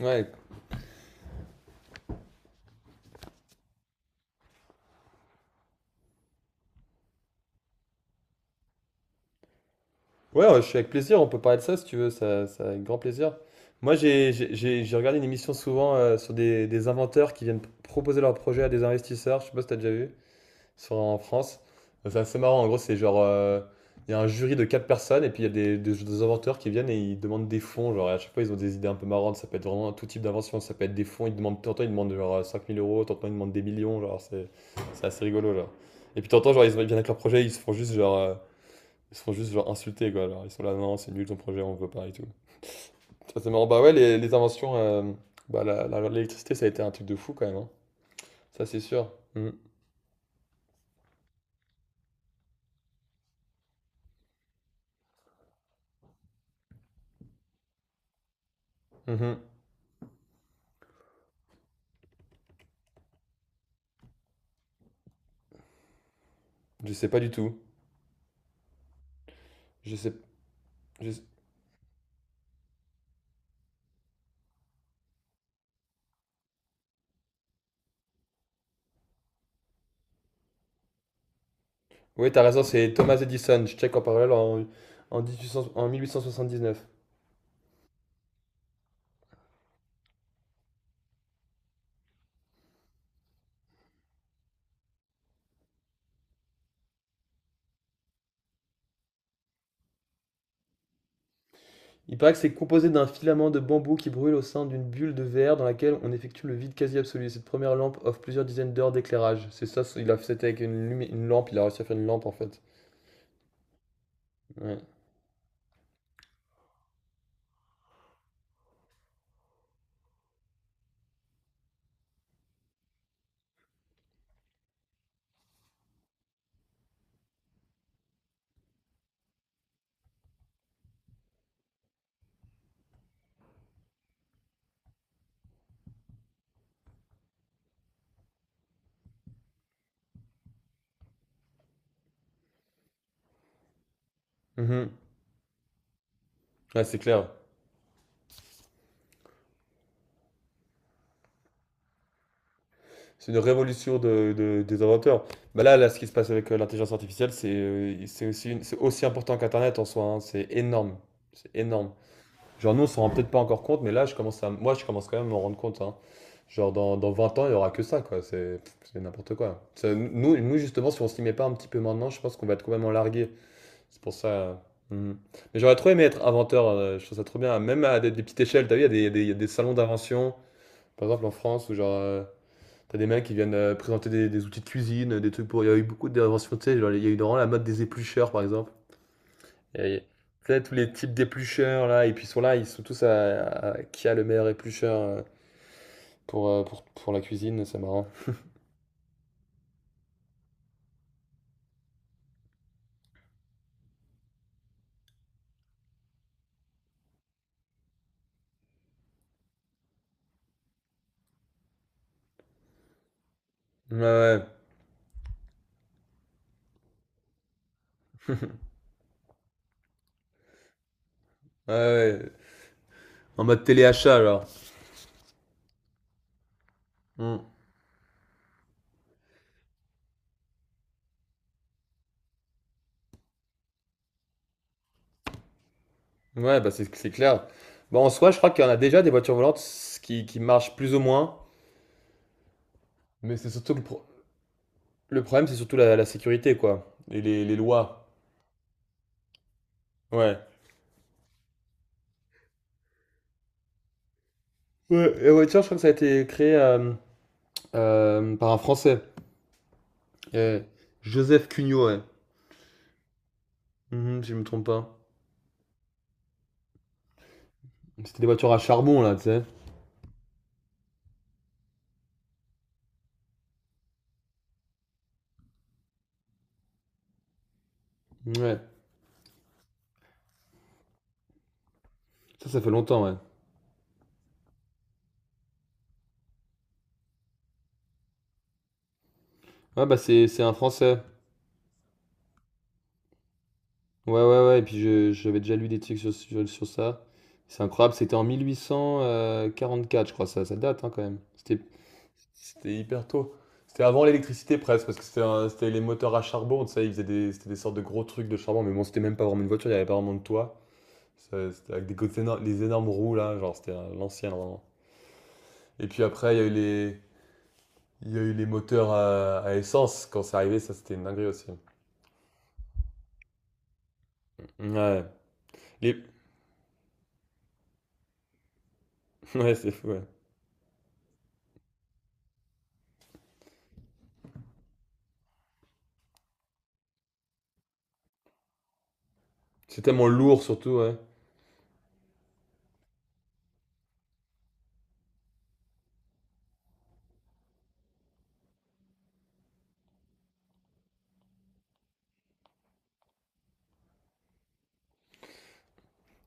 Ouais, ouais, ouais, je suis avec plaisir, on peut parler de ça si tu veux, ça avec grand plaisir. Moi, j'ai regardé une émission souvent sur des inventeurs qui viennent proposer leurs projets à des investisseurs, je sais pas si t'as déjà vu, sur, en France. C'est assez marrant, en gros, c'est genre, il y a un jury de quatre personnes et puis il y a des inventeurs qui viennent et ils demandent des fonds, genre à chaque fois ils ont des idées un peu marrantes, ça peut être vraiment tout type d'invention, ça peut être des fonds, ils demandent, tantôt ils demandent genre 5000 euros, tantôt ils demandent des millions, genre c'est assez rigolo, genre. Et puis t'entends, genre, ils viennent avec leur projet, ils se font juste genre insulter quoi. Alors, ils sont là, non, c'est nul ton projet, on veut pas et tout. Ça, c'est marrant. Bah ouais, les inventions, bah, l'électricité, ça a été un truc de fou quand même, hein. Ça, c'est sûr. Mhm. Mhm. Je sais pas du tout. Je sais. je sais- Oui, t'as raison, c'est Thomas Edison. Je check en parallèle en 1800 en 1879. Il paraît que c'est composé d'un filament de bambou qui brûle au sein d'une bulle de verre dans laquelle on effectue le vide quasi absolu. Cette première lampe offre plusieurs dizaines d'heures d'éclairage. C'est ça, c'est- il a fait c'était avec une lampe, il a réussi à faire une lampe en fait. Ouais. Mhm. Ouais, c'est clair. C'est une révolution de, des inventeurs. Bah là, là, ce qui se passe avec l'intelligence artificielle, c'est aussi, c'est aussi important qu'Internet en soi, hein. C'est énorme. C'est énorme. Genre, nous, on s'en rend peut-être pas encore compte, mais là, je commence quand même à m'en rendre compte, hein. Genre, dans 20 ans, il y aura que ça, quoi. C'est n'importe quoi. Ça, nous, nous, justement, si on s'y met pas un petit peu maintenant, je pense qu'on va être complètement largué. C'est pour ça. Mhm. Mais j'aurais trop aimé être inventeur. Je trouve ça trop bien. Même à des petites échelles, t'as vu, il y a des salons d'invention, par exemple en France, ou genre. T'as des mecs qui viennent, présenter des outils de cuisine, des trucs pour il y a eu beaucoup d'inventions, tu sais, genre, il y a eu vraiment la mode des éplucheurs, par exemple. Il y a tu sais, tous les types d'éplucheurs, là et puis ils sont là, ils sont tous à qui a le meilleur éplucheur, pour la cuisine, c'est marrant. Ouais, ouais. Ouais, ouais, en mode téléachat, genre. Mmh. Ouais, bah, c'est clair. Bon en soi, je crois qu'il y en a déjà des voitures volantes s qui marchent plus ou moins, mais c'est surtout que le problème, c'est surtout la sécurité, quoi et les lois. Ouais. Ouais, et ouais, je crois que ça a été créé par un Français. Euh, Joseph Cugnot, ouais. Mhm, si je me trompe pas. C'était des voitures à charbon, là, tu sais. Ouais. Ça fait longtemps, ouais. Ouais, bah, c'est un Français. Ouais, ouais, ouais. Et puis, j'avais déjà lu des trucs sur, ça. C'est incroyable. C'était en 1844, je crois. Ça date, hein, quand même. C'était hyper tôt. C'était avant l'électricité, presque, parce que c'était les moteurs à charbon, tu sais. C'était des sortes de gros trucs de charbon. Mais bon, c'était même pas vraiment une voiture, il n'y avait pas vraiment de toit. Ça, c'était avec les énormes roues là, genre c'était l'ancien vraiment. Et puis après, il y a eu les moteurs à, essence quand c'est arrivé, ça c'était une dinguerie aussi. Ouais. Les- Ouais, c'est fou, ouais. C'est tellement lourd surtout, ouais.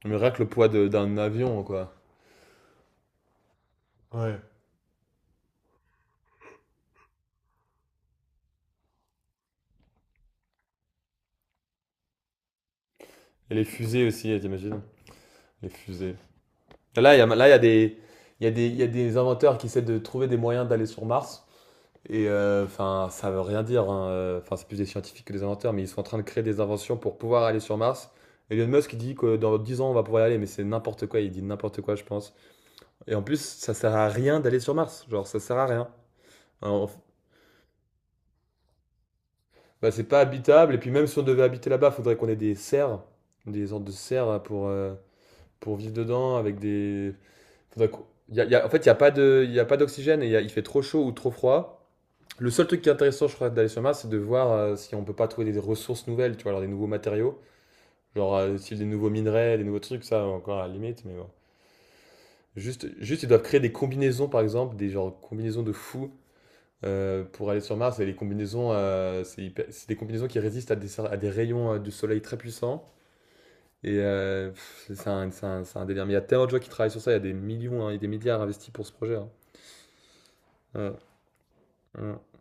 Mais rien que le poids d'un avion quoi. Ouais. Et les fusées aussi, t'imagines? Les fusées. Là, il y a des, il y a des inventeurs qui essaient de trouver des moyens d'aller sur Mars. Enfin, ça veut rien dire, hein. Enfin, c'est plus des scientifiques que des inventeurs, mais ils sont en train de créer des inventions pour pouvoir aller sur Mars. Elon Musk il dit que dans 10 ans on va pouvoir y aller, mais c'est n'importe quoi. Il dit n'importe quoi, je pense. Et en plus, ça sert à rien d'aller sur Mars. Genre, ça sert à rien. Alors, bah, c'est pas habitable. Et puis même si on devait habiter là-bas, il faudrait qu'on ait des serres, des sortes de serres pour vivre dedans avec des. Faudrait qu'on- y a- y a- en fait, il y a pas d'oxygène et il fait trop chaud ou trop froid. Le seul truc qui est intéressant, je crois, d'aller sur Mars, c'est de voir si on peut pas trouver des ressources nouvelles, tu vois, alors des nouveaux matériaux, genre style des nouveaux minerais, des nouveaux trucs, ça encore à la limite, mais bon. Juste, ils doivent créer des combinaisons, par exemple, des genre combinaisons de fous pour aller sur Mars. Et les combinaisons, c'est des combinaisons qui résistent à des rayons du soleil très puissants. Et pff, c'est C'est un délire. Mais il y a tellement de gens qui travaillent sur ça, il y a des millions hein, et des milliards investis pour ce projet, hein. Ouais, ouais.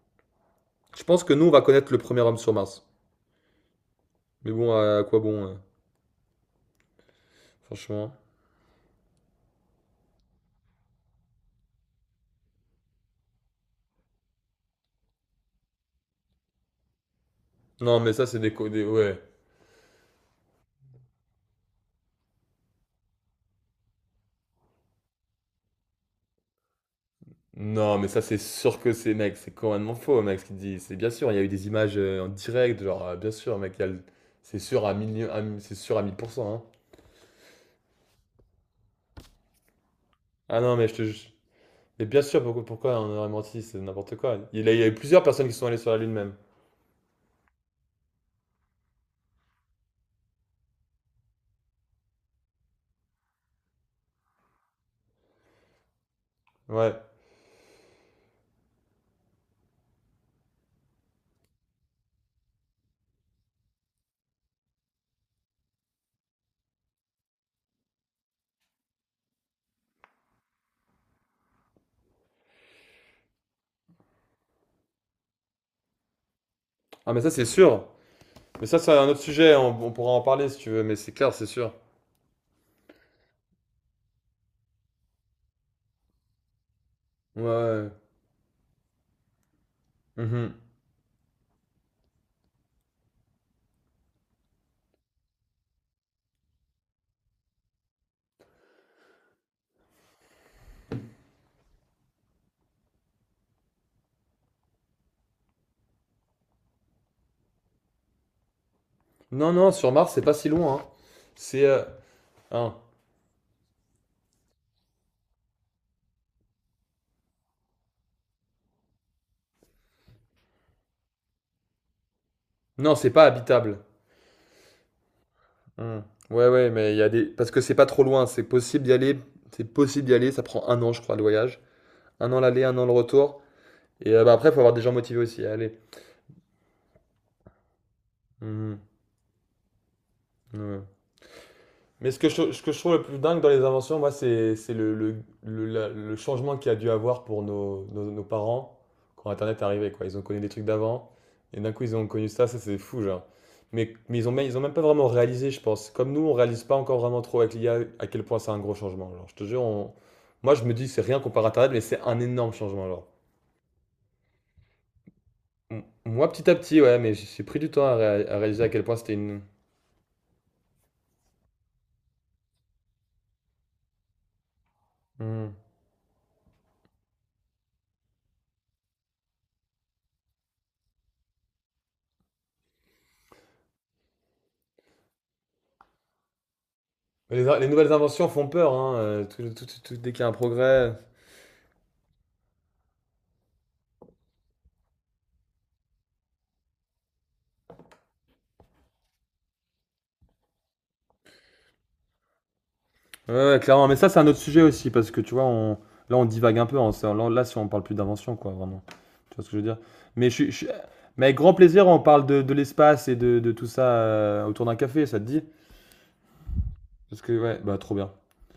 Je pense que nous, on va connaître le premier homme sur Mars. Mais bon, à quoi bon, franchement. Non, mais ça, c'est des, co- des- ouais. Non, mais ça, c'est sûr que c'est, mec, c'est complètement faux, mec, ce qu'il dit. C'est bien sûr, il y a eu des images en direct, genre, bien sûr, mec, il y a le- c'est sûr à 1000, c'est sûr à 1000%, hein. Ah non, mais je te jure. Mais bien sûr, pourquoi on aurait menti, c'est n'importe quoi. Il y a eu plusieurs personnes qui sont allées sur la Lune même. Ouais. Ah, mais ça, c'est sûr. Mais ça, c'est un autre sujet, on pourra en parler si tu veux, mais c'est clair, c'est sûr. Ouais. Ouais. Mhm. Non, non, sur Mars, c'est pas si loin, hein. C'est... euh, hein. Non, c'est pas habitable. Hmm. Ouais, ouais, mais il y a des. Parce que c'est pas trop loin, c'est possible d'y aller. C'est possible d'y aller, ça prend un an, je crois, le voyage. Un an l'aller, un an le retour. Bah, après, il faut avoir des gens motivés aussi à aller. Mhm. Ouais. Mais ce que je trouve le plus dingue dans les inventions, moi, c'est le changement qu'il y a dû avoir pour nos parents quand Internet est arrivé, quoi. Ils ont connu des trucs d'avant, et d'un coup, ils ont connu ça, ça c'est fou, genre. Mais ils ont, même pas vraiment réalisé, je pense. Comme nous, on réalise pas encore vraiment trop avec l'IA à quel point c'est un gros changement. Genre, je te jure, moi, je me dis que c'est rien comparé à Internet, mais c'est un énorme changement, genre. Moi, petit à petit, ouais, mais j'ai pris du temps à, à réaliser à quel point c'était une. Hmm. Mais les les nouvelles inventions font peur, hein. Dès qu'il y a un progrès. Ouais, ouais, clairement. Mais ça, c'est un autre sujet aussi, parce que tu vois, là, on divague un peu, hein. Là, là, si on parle plus d'invention, quoi, vraiment. Tu vois ce que je veux dire? Mais, je, suis- je suis- Mais avec grand plaisir, on parle de, l'espace et de, tout ça autour d'un café, ça te dit? Parce que, ouais, bah, trop bien.